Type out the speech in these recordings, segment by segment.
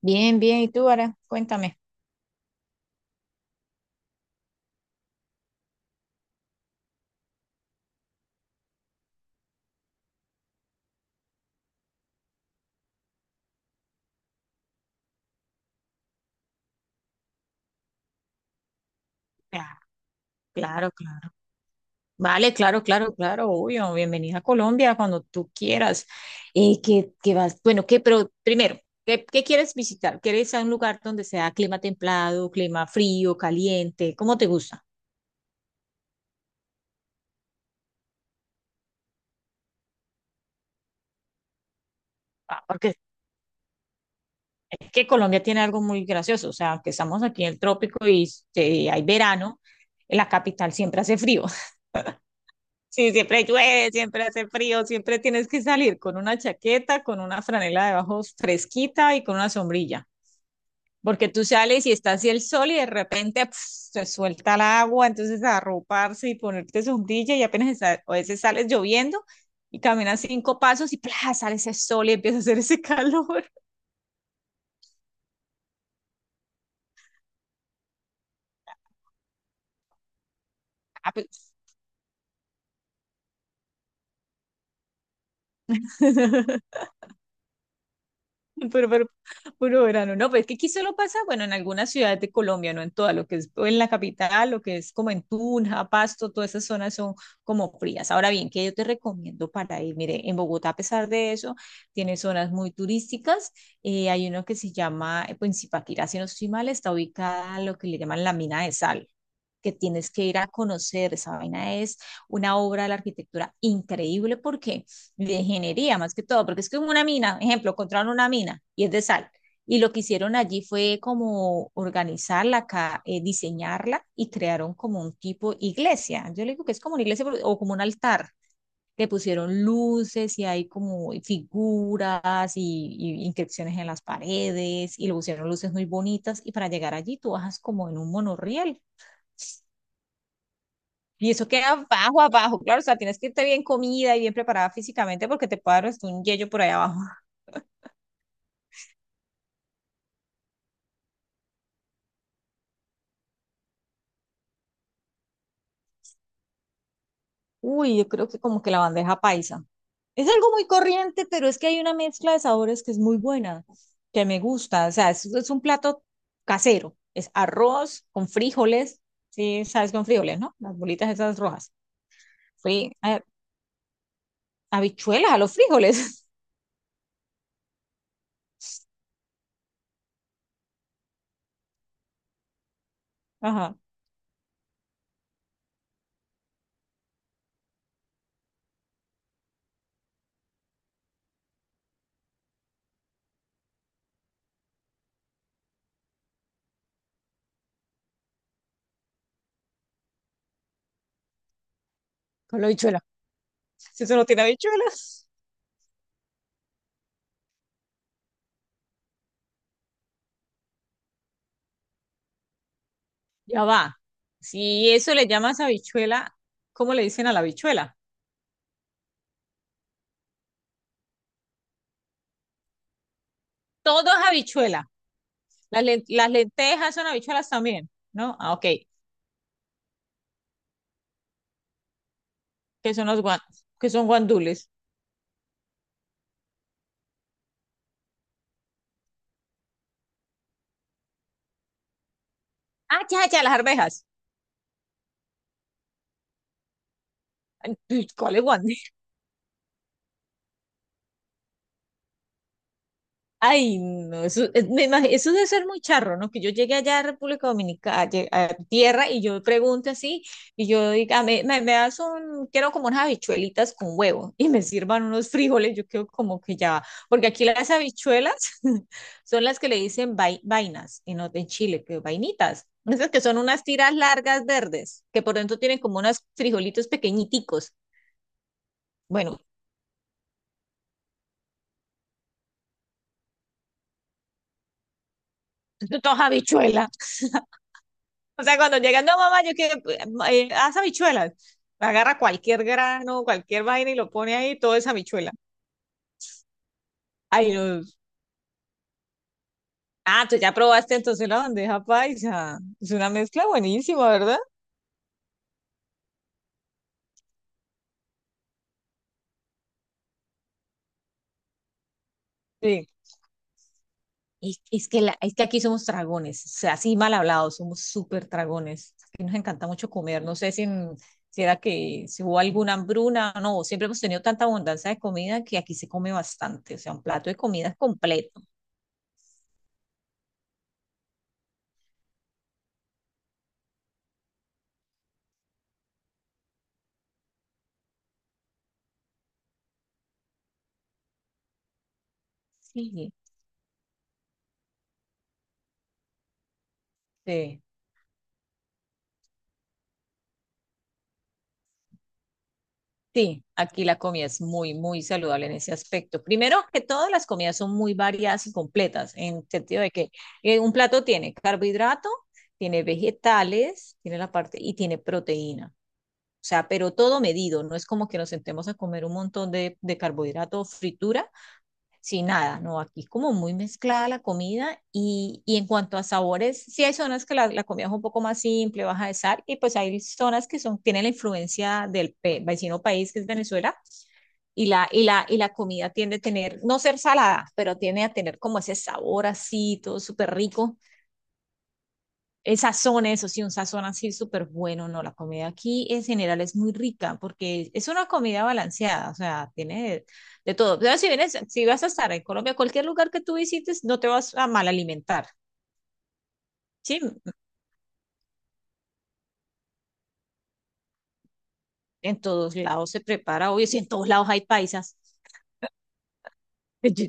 Bien, bien. ¿Y tú, Ara? Cuéntame. Ah, claro, claro. Vale, claro, claro, claro, obvio. Bienvenida a Colombia cuando tú quieras. ¿Qué vas? Bueno, ¿qué? Pero primero, ¿qué quieres visitar? ¿Quieres a un lugar donde sea clima templado, clima frío, caliente? ¿Cómo te gusta? Ah, porque es que Colombia tiene algo muy gracioso. O sea, aunque estamos aquí en el trópico y hay verano, en la capital siempre hace frío. Sí, siempre llueve, siempre hace frío, siempre tienes que salir con una chaqueta, con una franela debajo fresquita y con una sombrilla, porque tú sales y está así el sol y de repente pf, se suelta el agua, entonces arroparse y ponerte sombrilla y apenas a veces sales lloviendo y caminas cinco pasos y plas sale ese sol y empieza a hacer ese calor. Ah, pues. Pero, pero, puro verano, no, pues es que aquí solo pasa, bueno, en algunas ciudades de Colombia, no en toda, lo que es o en la capital, lo que es como en Tunja, Pasto, todas esas zonas son como frías. Ahora bien, ¿qué yo te recomiendo para ir? Mire, en Bogotá, a pesar de eso, tiene zonas muy turísticas. Hay uno que se llama, pues en Zipaquirá, si no estoy mal, está ubicada lo que le llaman la mina de sal que tienes que ir a conocer. Esa vaina es una obra de la arquitectura increíble porque de ingeniería más que todo, porque es que una mina, ejemplo, encontraron una mina y es de sal. Y lo que hicieron allí fue como organizarla, diseñarla y crearon como un tipo iglesia. Yo le digo que es como una iglesia o como un altar. Le pusieron luces y hay como figuras y inscripciones en las paredes y le pusieron luces muy bonitas. Y para llegar allí tú bajas como en un monorriel. Y eso queda abajo, abajo. Claro, o sea, tienes que irte bien comida y bien preparada físicamente porque te puede dar hasta un yello por ahí abajo. Uy, yo creo que como que la bandeja paisa. Es algo muy corriente, pero es que hay una mezcla de sabores que es muy buena, que me gusta. O sea, es un plato casero. Es arroz con frijoles. Sí, sabes, con frijoles, ¿no? Las bolitas esas rojas. Fui a, habichuelas a los frijoles. Ajá, con la habichuela. Si eso no tiene habichuelas. Ya va. Si eso le llamas habichuela, ¿cómo le dicen a la habichuela? Todo es habichuela. Las lentejas son habichuelas también, ¿no? Ah, ok. Que son los que son guandules. Ah, ya, ya, las arvejas. Ay, ¿cuál es guandule? Ay, no, eso, eso debe ser muy charro, ¿no? Que yo llegué allá a República Dominicana, a tierra, y yo pregunto así, y yo diga: "Ah, me das un, quiero como unas habichuelitas con huevo", y me sirvan unos frijoles, yo quedo como que ya, va. Porque aquí las habichuelas son las que le dicen vainas, y no, en Chile, que vainitas. Esas que son unas tiras largas verdes, que por dentro tienen como unos frijolitos pequeñiticos. Bueno, dos habichuelas. O sea, cuando llegan, no, mamá, yo quiero, haz habichuelas. Agarra cualquier grano, cualquier vaina y lo pone ahí, todo es habichuela. Ay, no. Ah, tú ya probaste entonces la bandeja paisa. Es una mezcla buenísima, ¿verdad? Sí. Es que aquí somos dragones, o sea, así mal hablados, somos súper dragones. Aquí nos encanta mucho comer. No sé si era que si hubo alguna hambruna, no, siempre hemos tenido tanta abundancia de comida que aquí se come bastante, o sea, un plato de comida completo. Sí, sí. Sí, aquí la comida es muy, muy saludable en ese aspecto. Primero que todas las comidas son muy variadas y completas, en el sentido de que un plato tiene carbohidrato, tiene vegetales, tiene la parte y tiene proteína. O sea, pero todo medido, no es como que nos sentemos a comer un montón de carbohidrato o fritura sin nada, no, aquí es como muy mezclada la comida y en cuanto a sabores, sí hay zonas que la comida es un poco más simple, baja de sal y pues hay zonas que son, tienen la influencia del vecino país que es Venezuela, y la comida tiende a tener, no ser salada, pero tiende a tener como ese sabor así, todo súper rico. El sazón, eso sí, un sazón así súper bueno, ¿no? La comida aquí en general es muy rica porque es una comida balanceada, o sea, tiene de todo. Pero si vienes, si vas a estar en Colombia, cualquier lugar que tú visites, no te vas a mal alimentar, ¿sí? En todos lados se prepara, obvio, si en todos lados hay paisas. Ellos,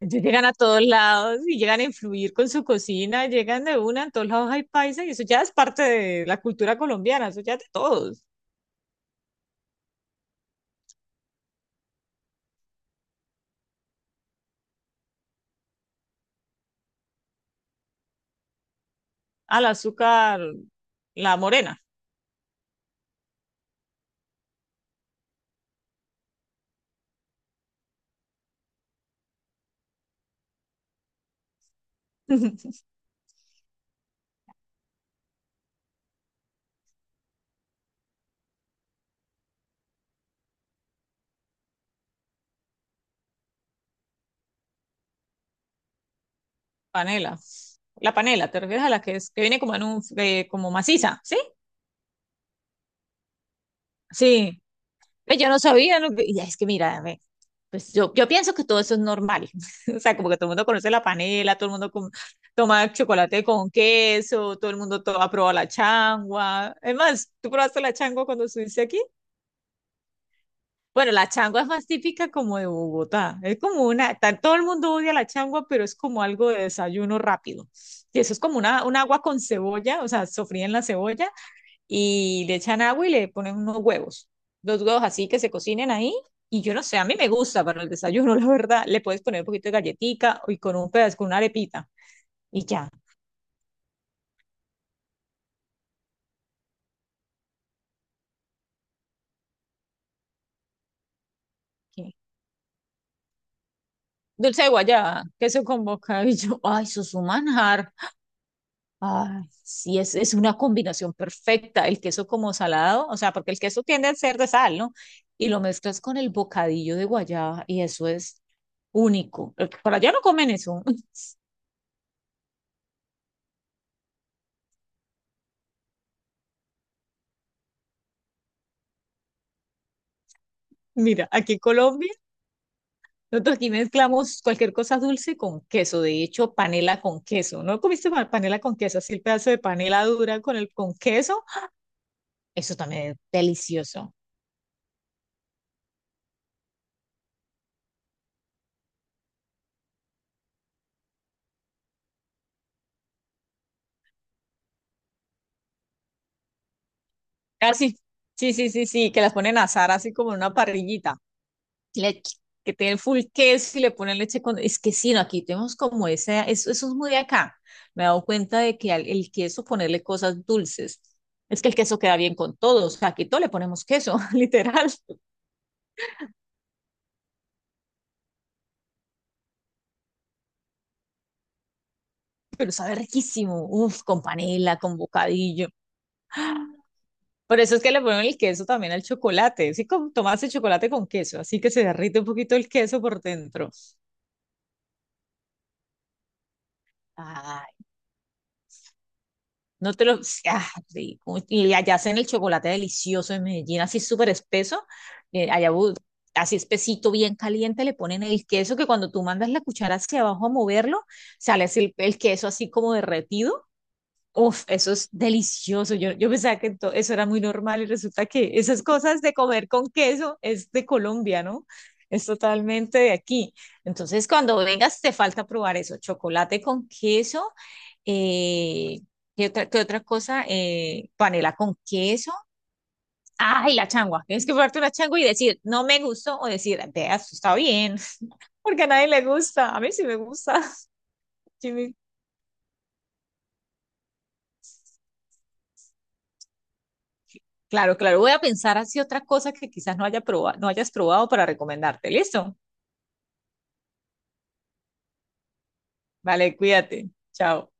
Ellos llegan a todos lados y llegan a influir con su cocina, llegan de una, en todos lados hay paisa y eso ya es parte de la cultura colombiana, eso ya es de todos. Al azúcar, la morena, panela. La panela, ¿te refieres a la que es que viene como en un como maciza? ¿Sí? Sí. Ve, yo no sabía, y es que mira, ve, yo pienso que todo eso es normal. O sea, como que todo el mundo conoce la panela, todo el mundo toma chocolate con queso, todo el mundo ha probado la changua. Es más, ¿tú probaste la changua cuando estuviste aquí? Bueno, la changua es más típica como de Bogotá. Es como todo el mundo odia la changua, pero es como algo de desayuno rápido. Y eso es como una, un agua con cebolla, o sea, sofría en la cebolla y le echan agua y le ponen unos huevos. Dos huevos así que se cocinen ahí. Y yo no sé, a mí me gusta para el desayuno, la verdad. Le puedes poner un poquito de galletica y con un pedazo, con una arepita. Y ya. ¿Qué? Dulce de guayaba, queso con bocadillo. Ay, eso es un manjar. Ay, sí, es una combinación perfecta. El queso como salado, o sea, porque el queso tiende a ser de sal, ¿no? Y lo mezclas con el bocadillo de guayaba y eso es único. Para allá no comen eso. Mira, aquí en Colombia. Nosotros aquí mezclamos cualquier cosa dulce con queso, de hecho, panela con queso. ¿No comiste panela con queso? Así el pedazo de panela dura con el con queso. Eso también es delicioso. Ah, sí, sí, sí, sí, sí, que las ponen a asar así como en una parrillita. Le- que tienen full queso y le ponen leche con... Es que sí, no, aquí tenemos como ese, eso es muy de acá. Me he dado cuenta de que al, el queso ponerle cosas dulces. Es que el queso queda bien con todo, o sea, aquí todo le ponemos queso, literal. Pero sabe riquísimo, uf, con panela, con bocadillo. Por eso es que le ponen el queso también al chocolate, sí, como tomas el chocolate con queso, así que se derrite un poquito el queso por dentro. Ay, no te lo, sí, ah, rico. Y allá hacen el chocolate delicioso en Medellín, así súper espeso, eh, allá bu- así espesito, bien caliente, le ponen el queso que cuando tú mandas la cuchara hacia abajo a moverlo, sale así el queso así como derretido. Uf, eso es delicioso. Yo pensaba que eso era muy normal y resulta que esas cosas de comer con queso es de Colombia, ¿no? Es totalmente de aquí. Entonces, cuando vengas, te falta probar eso, chocolate con queso. Eh, ¿qué otra cosa? Panela con queso. Ay, la changua. Tienes que probarte una changua y decir, no me gustó, o decir, vea, esto está bien, porque a nadie le gusta. A mí sí me gusta. Claro, claro. Voy a pensar así otra cosa que quizás no no hayas probado para recomendarte. ¿Listo? Vale, cuídate. Chao.